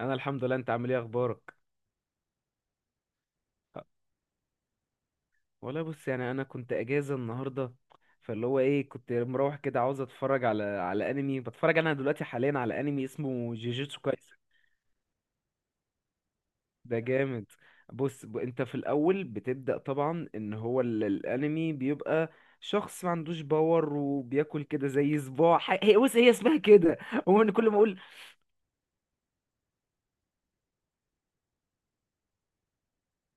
انا الحمد لله، انت عامل ايه اخبارك؟ والله بص يعني انا كنت اجازه النهارده. فاللي هو ايه كنت مروح كده عاوز اتفرج على انمي، بتفرج انا دلوقتي حاليا على انمي اسمه جيجيتسو كايسن. ده جامد. بص انت في الاول بتبدا طبعا ان هو الانمي بيبقى شخص ما عندوش باور، وبياكل كده زي صباع. هي بص هي اسمها كده. هو ان كل ما اقول.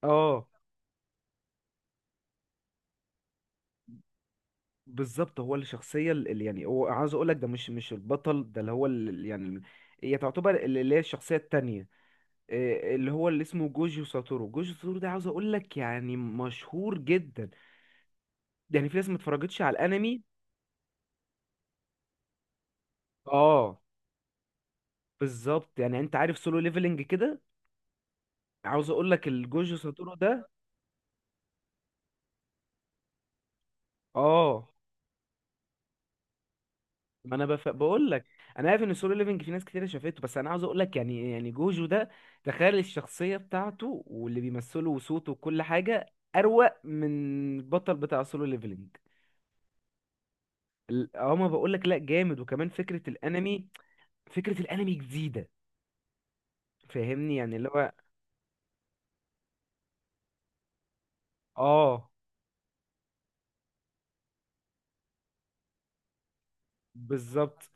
اه. بالظبط، هو الشخصية اللي يعني هو عاوز اقول لك ده مش البطل، ده اللي هو اللي يعني هي تعتبر اللي هي الشخصية التانية. إيه اللي هو اللي اسمه جوجو ساتورو، جوجو ساتورو ده عاوز اقول لك يعني مشهور جدا. يعني في ناس ما اتفرجتش على الانمي. اه. بالظبط، يعني انت عارف سولو ليفلنج كده. عاوز اقول لك الجوجو ساتورو ده. اه. ما انا بقول لك. انا عارف ان السولو ليفنج في ناس كتير شافته، بس انا عاوز اقول لك يعني جوجو ده، تخيل الشخصيه بتاعته واللي بيمثله وصوته وكل حاجه اروق من البطل بتاع سولو ليفلنج. هما بقول لك لا جامد، وكمان فكره الانمي، فكره الانمي جديده. فاهمني يعني اللي هو. اه. بالظبط.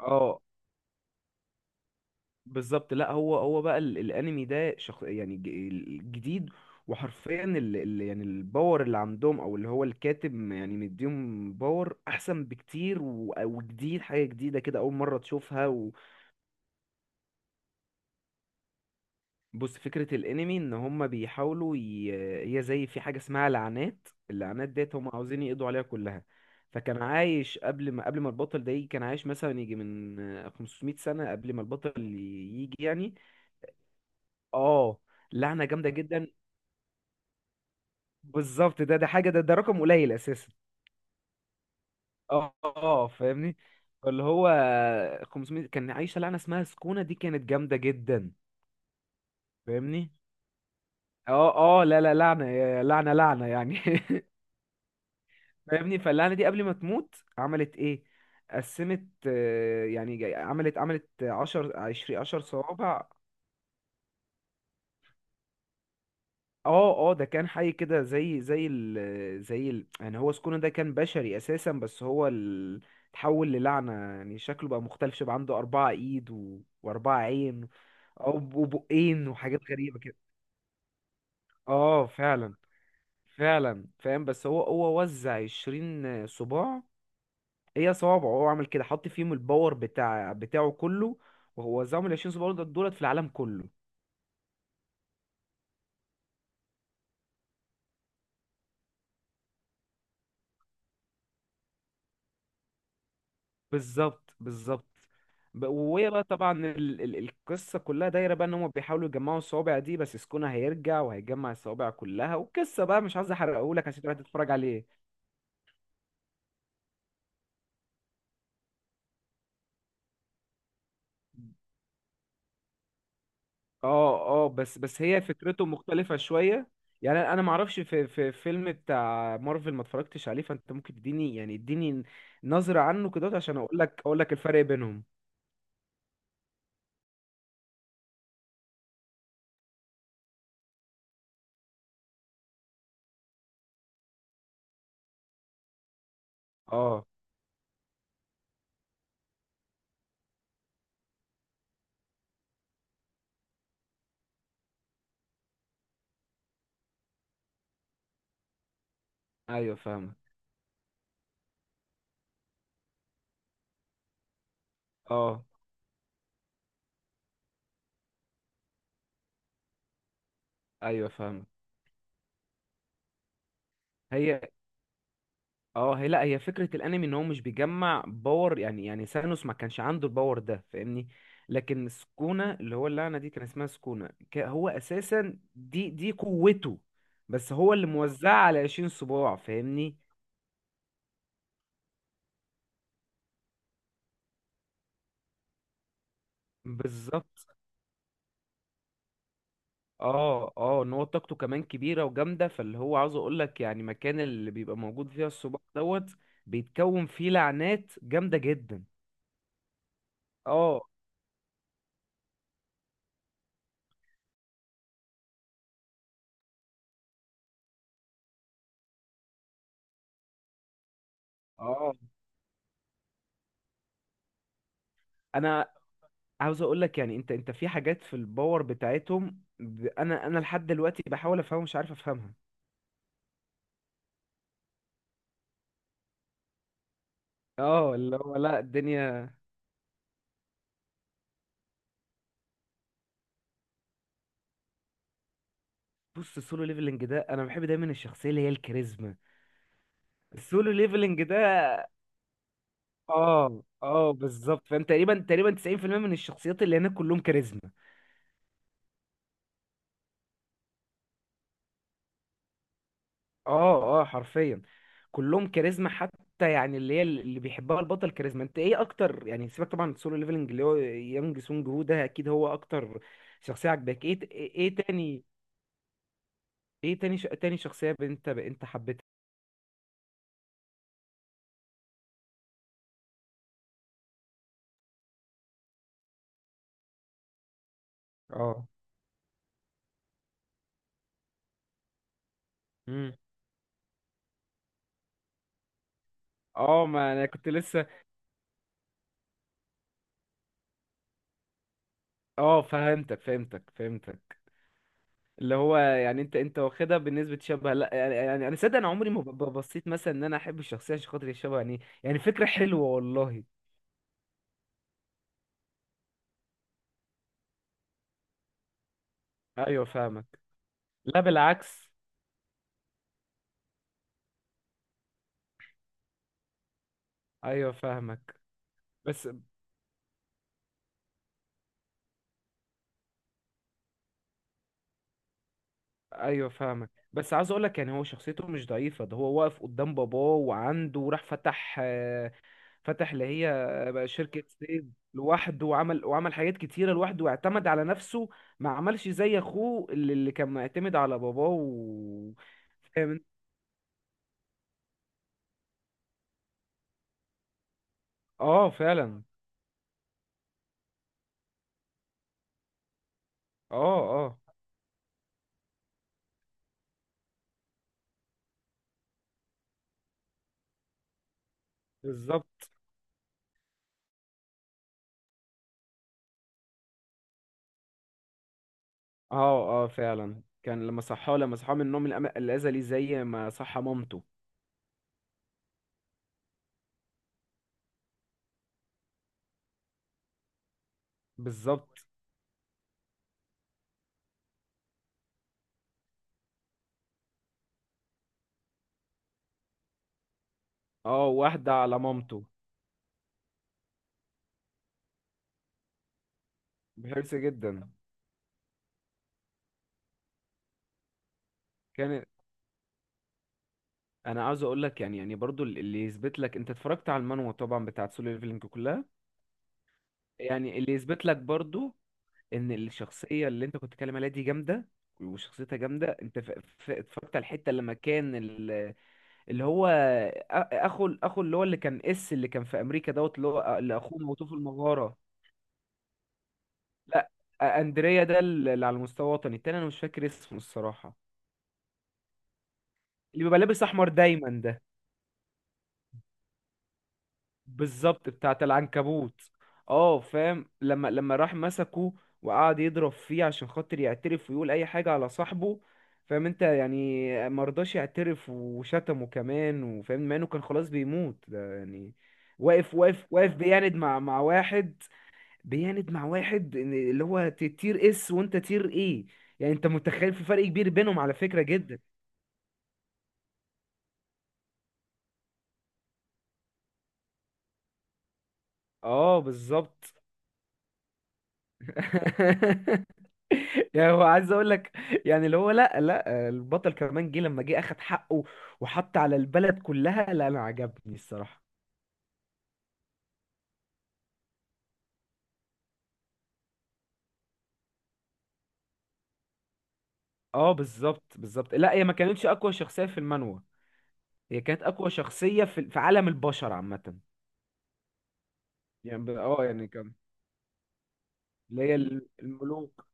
اه. بالظبط، لا هو بقى الانمي ده يعني الجديد. وحرفيا يعني الباور اللي عندهم، او اللي هو الكاتب يعني مديهم باور احسن بكتير وجديد، حاجه جديده كده اول مره تشوفها. وبص فكره الانمي ان هم بيحاولوا. هي زي في حاجه اسمها لعنات، اللعنات ديت هم عاوزين يقضوا عليها كلها. فكان عايش قبل ما البطل ده يجي، كان عايش مثلا يجي من 500 سنه قبل ما البطل يجي يعني. اه. لعنة جامدة جدا. بالظبط، ده حاجه، ده رقم قليل اساسا. اه، فاهمني. اللي هو 500 كان عايشه لعنه اسمها سكونه، دي كانت جامده جدا. فاهمني. اه اه، لا لا، لعنه لعنه لعنه يعني. فاهمني. فاللعنه دي قبل ما تموت عملت ايه؟ قسمت، يعني عملت 10 20 10 صوابع. اه اه، ده كان حي كده زي زي ال زي ال يعني هو سكونه ده كان بشري اساسا، بس هو اتحول للعنة. يعني شكله بقى مختلف، شبه عنده أربعة ايد وأربعة عين، أو وبقين وحاجات غريبة كده. اه فعلا. فعلا فاهم، بس هو وزع عشرين صباع، هي صوابعه. هو عمل كده حط فيهم الباور بتاعه كله، وهو وزعهم العشرين صباع دول دولت في العالم كله. بالظبط بالظبط. وهي بقى طبعا ال القصة كلها دايرة بقى ان هم بيحاولوا يجمعوا الصوابع دي، بس سكونة هيرجع وهيجمع الصوابع كلها، والقصة بقى مش عايز احرقهولك عشان تروح تتفرج عليه. اه. اه، بس هي فكرته مختلفة شوية. يعني انا ما اعرفش، في في فيلم بتاع مارفل ما اتفرجتش عليه، فانت ممكن تديني يعني اديني نظرة عنه كده عشان اقول لك الفرق بينهم. اه. ايوه فاهمك. اه ايوه فاهمك. هي. اه، هي لا هي فكرة الانمي ان هو مش بيجمع باور. يعني سانوس ما كانش عنده الباور ده، فاهمني. لكن سكونة اللي هو اللعنة دي كان اسمها سكونة، هو اساسا دي قوته. بس هو اللي موزعها على 20 صباع، فاهمني. بالظبط. اه اه، ان هو طاقته كمان كبيرة وجامدة. فاللي هو عاوز اقول لك يعني، مكان اللي بيبقى موجود فيها الصباع دوت بيتكون فيه لعنات جامدة جدا. اه. اه. انا عاوز اقول لك يعني انت في حاجات في الباور بتاعتهم، انا لحد دلوقتي بحاول افهمها، مش عارف افهمها. اه، اللي هو لا الدنيا. بص السولو ليفلنج ده انا بحب دايما الشخصيه اللي هي الكاريزما. السولو ليفلنج ده. اه اه، بالظبط. فانت تقريبا تقريبا 90% من الشخصيات اللي هناك كلهم كاريزما. اه اه، حرفيا كلهم كاريزما، حتى يعني اللي هي اللي بيحبها البطل كاريزما. انت ايه اكتر؟ يعني سيبك طبعا من السولو ليفلنج، اللي هو يانج سونج هو ده اكيد هو اكتر شخصية عجباك. ايه تاني؟ ايه تاني شخصية انت حبيتها؟ اه. امم. اه، ما انا كنت لسه. اه، فهمتك فهمتك فهمتك. اللي هو يعني انت واخدها بنسبة شبه. لا يعني، يعني انا صدق انا عمري ما بصيت مثلا ان انا احب الشخصية عشان خاطر الشبه، يعني يعني فكرة حلوة والله. ايوه فاهمك. لا بالعكس. ايوه فاهمك بس. ايوه فاهمك، بس عاوز اقولك يعني هو شخصيته مش ضعيفة. ده هو واقف قدام باباه وعنده، وراح فتح، اللي هي بقى شركة سيف لوحده، وعمل حاجات كتيرة لوحده واعتمد على نفسه. ما عملش زي أخوه، اللي كان معتمد على باباه. فاهم انت؟ اه فعلا. اه. اه بالظبط. اه اه فعلا، كان لما صحاه من النوم الأزلي، زي ما صحى مامته. بالظبط. اه، واحدة على مامته. بحرص جدا. كان. انا عاوز اقول لك يعني برضو اللي يثبت لك، انت اتفرجت على المانوا طبعا بتاعت سولو ليفلينج كلها. يعني اللي يثبت لك برضو ان الشخصيه اللي انت كنت بتتكلم عليها دي جامده، وشخصيتها جامده. انت اتفرجت على الحته لما كان اللي هو أ- اخو اللي هو اللي كان اللي كان في امريكا دوت، اللي هو اللي اخوه موتوه في المغاره. لا، اندريا ده اللي على المستوى الوطني التاني. انا مش فاكر اسمه الصراحه. اللي بيبقى لابس احمر دايما ده. بالظبط، بتاعت العنكبوت. اه فاهم، لما راح مسكه وقعد يضرب فيه عشان خاطر يعترف ويقول اي حاجة على صاحبه. فاهم انت؟ يعني مرضاش يعترف وشتمه كمان وفاهم، مع انه كان خلاص بيموت ده يعني. واقف واقف واقف بيعند مع واحد. بيعند مع واحد، إن اللي هو تير اس، وانت تير ايه؟ يعني انت متخيل في فرق كبير بينهم على فكرة جدا. اه بالظبط. يعني هو عايز اقول لك، يعني اللي هو لا لا، البطل كمان جه لما جه اخد حقه وحط على البلد كلها. لا، انا عجبني الصراحة. اه، بالظبط بالظبط. لا هي ما كانتش اقوى شخصية في المانوا، هي كانت اقوى شخصية في عالم البشر عامة. يعني اه يعني كان، اللي هي الملوك.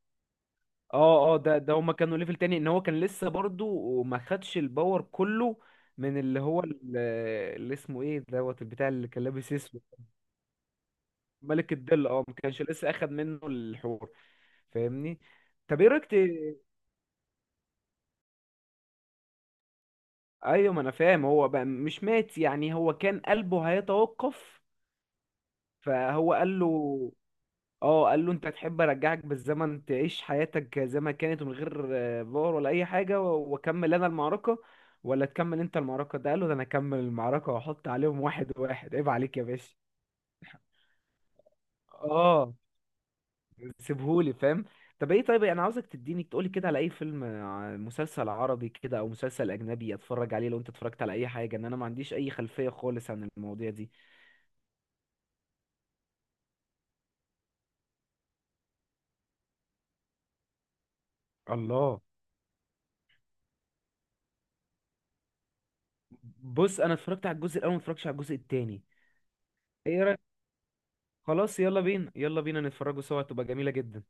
اه اه، ده هما كانوا ليفل تاني. ان هو كان لسه برضو ما خدش الباور كله من اللي هو اللي اسمه ايه دوت، البتاع اللي كان لابس. ملك الظل، اه، ما كانش لسه اخد منه الحور، فاهمني. طب ايه رايك؟ ايوه، ما انا فاهم. هو بقى مش مات، يعني هو كان قلبه هيتوقف، فهو قال له. اه، قال له انت تحب ارجعك بالزمن تعيش حياتك زي ما كانت، من غير فار ولا اي حاجه، واكمل انا المعركه ولا تكمل انت المعركه؟ ده قال له، ده انا اكمل المعركه واحط عليهم واحد واحد، عيب عليك يا باشا. اه. سيبهولي فاهم. طب ايه، طيب انا عاوزك تديني تقولي كده على اي فيلم، مسلسل عربي كده او مسلسل اجنبي اتفرج عليه، لو انت اتفرجت على اي حاجه، ان انا ما عنديش اي خلفيه خالص عن المواضيع دي. الله. بص انا اتفرجت على الجزء الاول، ما اتفرجتش على الجزء التاني. ايه رايك؟ خلاص، يلا بينا، يلا بينا نتفرجوا سوا تبقى جميله جدا.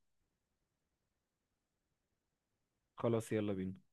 خلاص يلا بينا.